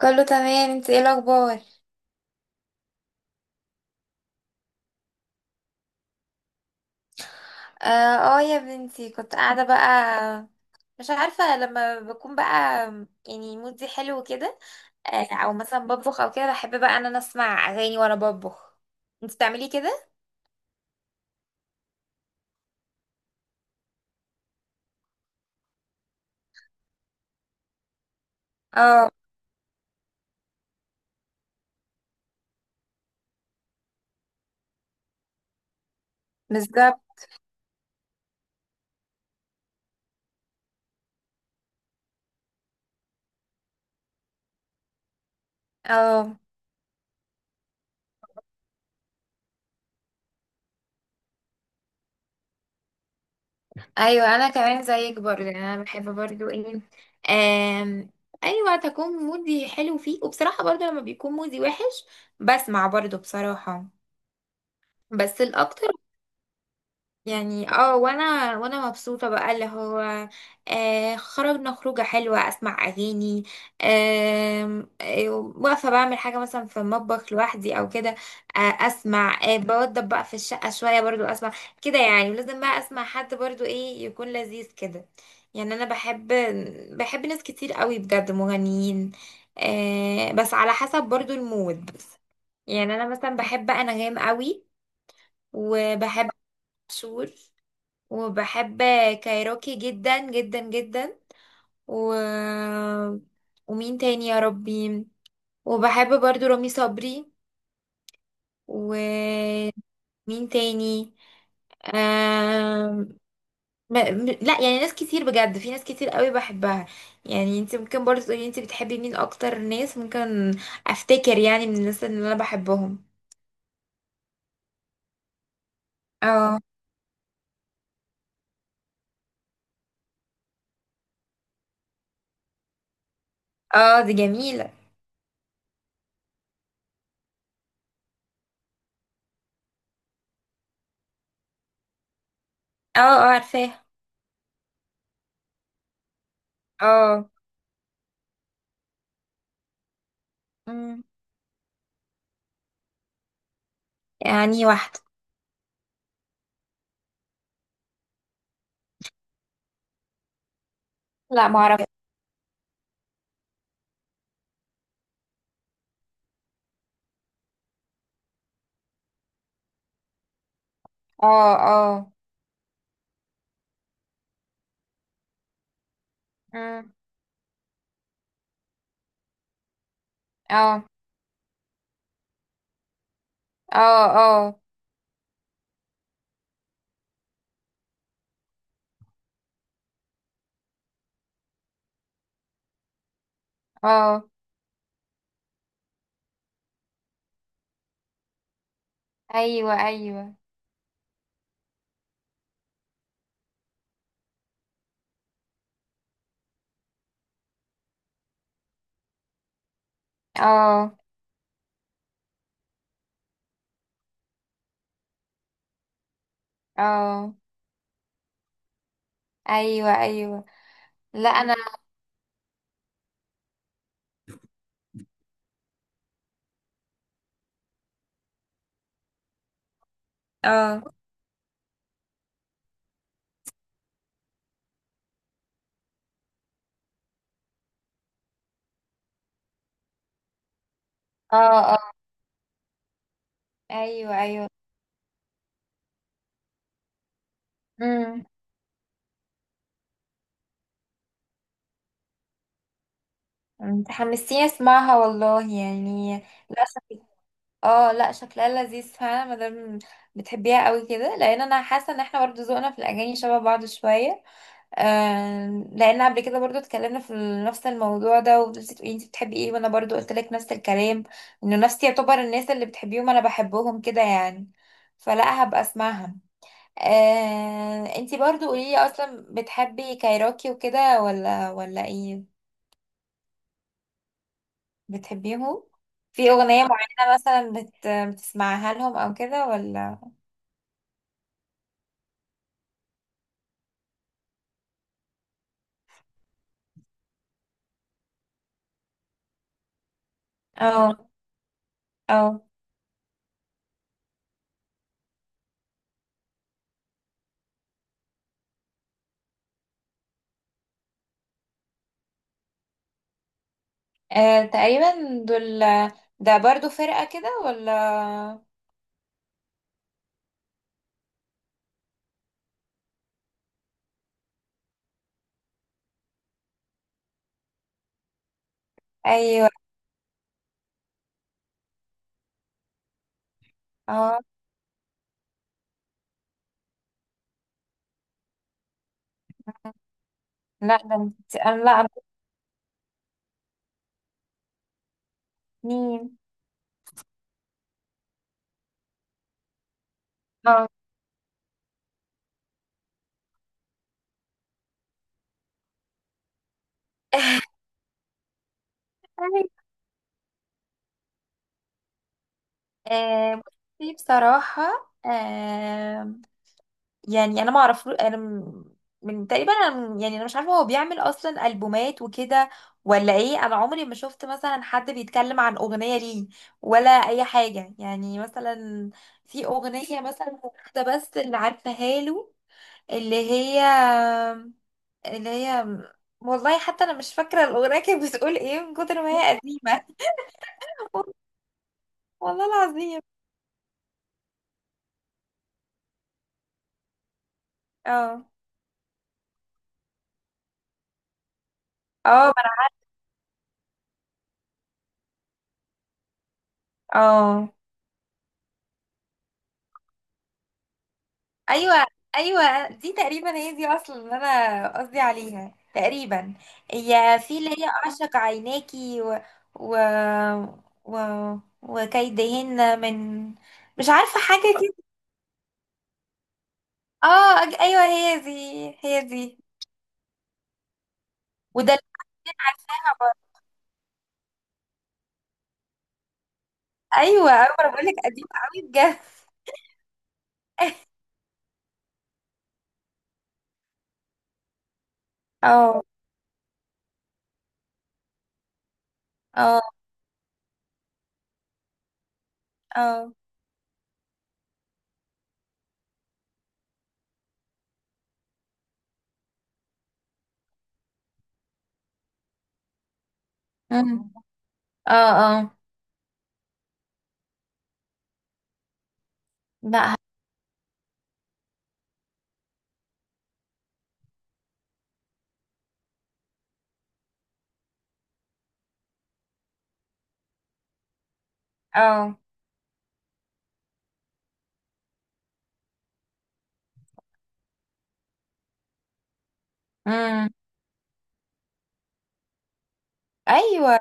كله تمام. انت ايه الاخبار؟ اه. آه، يا بنتي كنت قاعده بقى. مش عارفه لما بكون بقى، يعني مودي حلو كده. او مثلا بطبخ او كده، بحب بقى ان انا اسمع اغاني وانا بطبخ. انت بتعملي كده؟ اه، بالظبط. اه، ايوه، انا كمان زيك برضه، يعني انا بحب برضه ايه. آم، اي وقت اكون مودي حلو فيه، وبصراحه برضه لما بيكون مودي وحش بسمع برضه بصراحه، بس الاكتر. يعني وانا مبسوطه بقى، اللي هو خرجنا خروجه حلوه اسمع اغاني. آم، آه واقفه بعمل حاجه مثلا في المطبخ لوحدي او كده. اسمع، بوضب بقى في الشقه شويه برضو اسمع كده يعني. ولازم بقى اسمع حد برضو ايه، يكون لذيذ كده. يعني انا بحب، بحب ناس كتير قوي بجد مغنيين. بس على حسب برضو المود. يعني انا مثلا بحب بقى انغام قوي، وبحب عاشور، وبحب كايروكي جدا جدا جدا، و... ومين تاني يا ربي؟ وبحب برضو رامي صبري. ومين تاني؟ آم... ما... م- لا، يعني ناس كتير بجد، في ناس كتير قوي بحبها. يعني انت ممكن برضو تقولي، انت بتحبي مين اكتر ناس ممكن افتكر يعني من الناس اللي انا بحبهم؟ اه، اه، دي جميلة. اه، اه، عارفاها. اه. مم. يعني واحدة. لا، معرفة. اه، اه. مم. اه، اه، اه، اه. ايوه، ايوه. اه، اه. ايوه، ايوه. لا، انا. اه، اه، اه. ايوه، ايوه. امم. انت حمستيني اسمعها والله يعني. لا، شكل، اه، لا شكلها لذيذ فعلا، ما دام بتحبيها قوي كده، لان انا حاسه ان احنا برضو ذوقنا في الاغاني شبه بعض شويه. آه، لان قبل كده برضو اتكلمنا في نفس الموضوع ده، وقلت لي انت بتحبي ايه، وانا برضو قلت لك نفس الكلام، انه نفسي يعتبر الناس اللي بتحبيهم انا بحبهم كده يعني، فلا هبقى اسمعها. انت برضو قولي لي، اصلا بتحبي كايروكي وكده ولا ايه؟ بتحبيهم في اغنية معينة مثلا بتسمعها لهم او كده ولا؟ اه، اه. تقريبا دول، ده برضو فرقة كده ولا؟ ايوه، اه. لا، ده انت، انا، لا انا سنين، اه. آه، بصي بصراحة، يعني أنا ما أعرف، من تقريبا أنا، يعني أنا مش عارفة هو بيعمل أصلا ألبومات وكده ولا إيه، أنا عمري ما شفت مثلا حد بيتكلم عن أغنية ليه، ولا أي حاجة، يعني مثلا في أغنية مثلا واحدة بس اللي عارفاها له، اللي هي اللي هي والله حتى أنا مش فاكرة الأغنية كانت بتقول إيه من كتر ما هي قديمة. والله العظيم. اه، اه، اه، ايوه، ايوه، دي تقريبا هي دي اصلا اللي انا قصدي عليها تقريبا. هي في اللي هي اعشق عيناكي، و و و وكيدهن، مش عارفه حاجه كده. اه، ايوه، هي دي، هي دي. وده اللي أنا عارفاها برضه. ايوه، ايوه، انا بقول لك قديم قوي بجد. اه، اه، اه. أمم. اه، اه، لا، اه. امم. ايوه.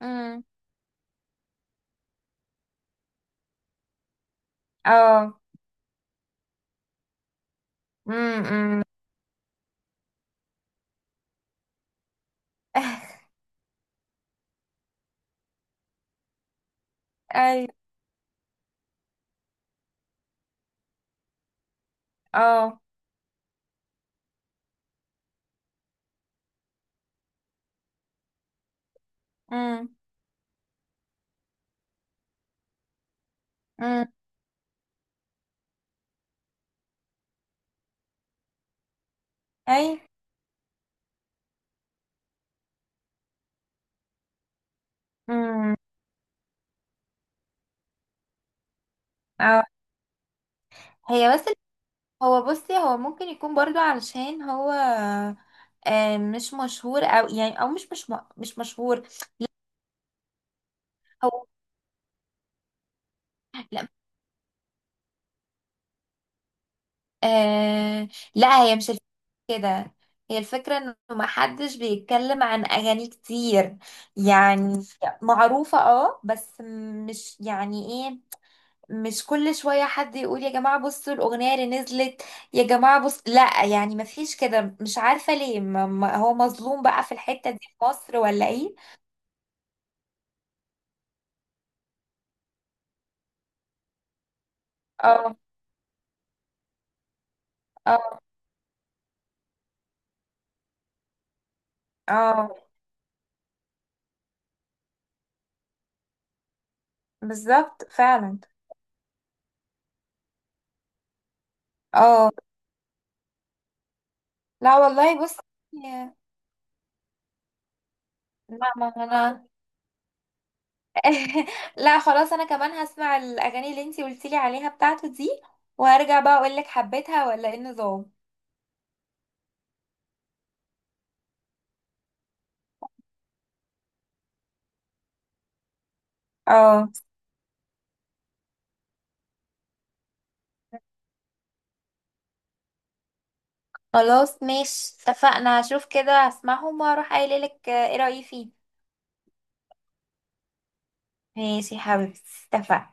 امم. اه. امم. أمم. اي، اه. امم. امم. اي. امم. اه. هي بس، هو بصي، هو ممكن يكون برضو علشان هو مش مشهور، او يعني، او مش مشهور. هو، لا. آه لا، هي مش الفكرة كده. هي الفكرة انه محدش بيتكلم عن اغاني كتير، يعني معروفة اه، بس مش يعني إيه، مش كل شوية حد يقول يا جماعة بصوا الأغنية اللي نزلت، يا جماعة بص، لا، يعني مفيش كده، مش عارفة ليه، هو مظلوم بقى في الحتة دي في مصر ولا ايه؟ اه، اه، اه، بالظبط فعلا. اه، لا والله، بص. يا- لا، ما انا. لا خلاص، انا كمان هسمع الاغاني اللي انتي قلتيلي عليها بتاعته دي، وهرجع بقى اقولك حبيتها ولا ايه النظام. اه خلاص، ماشي، اتفقنا، هشوف كده، هسمعهم واروح قايلة لك ايه رأيي فيه. ماشي يا حبيبتي. اتفقنا.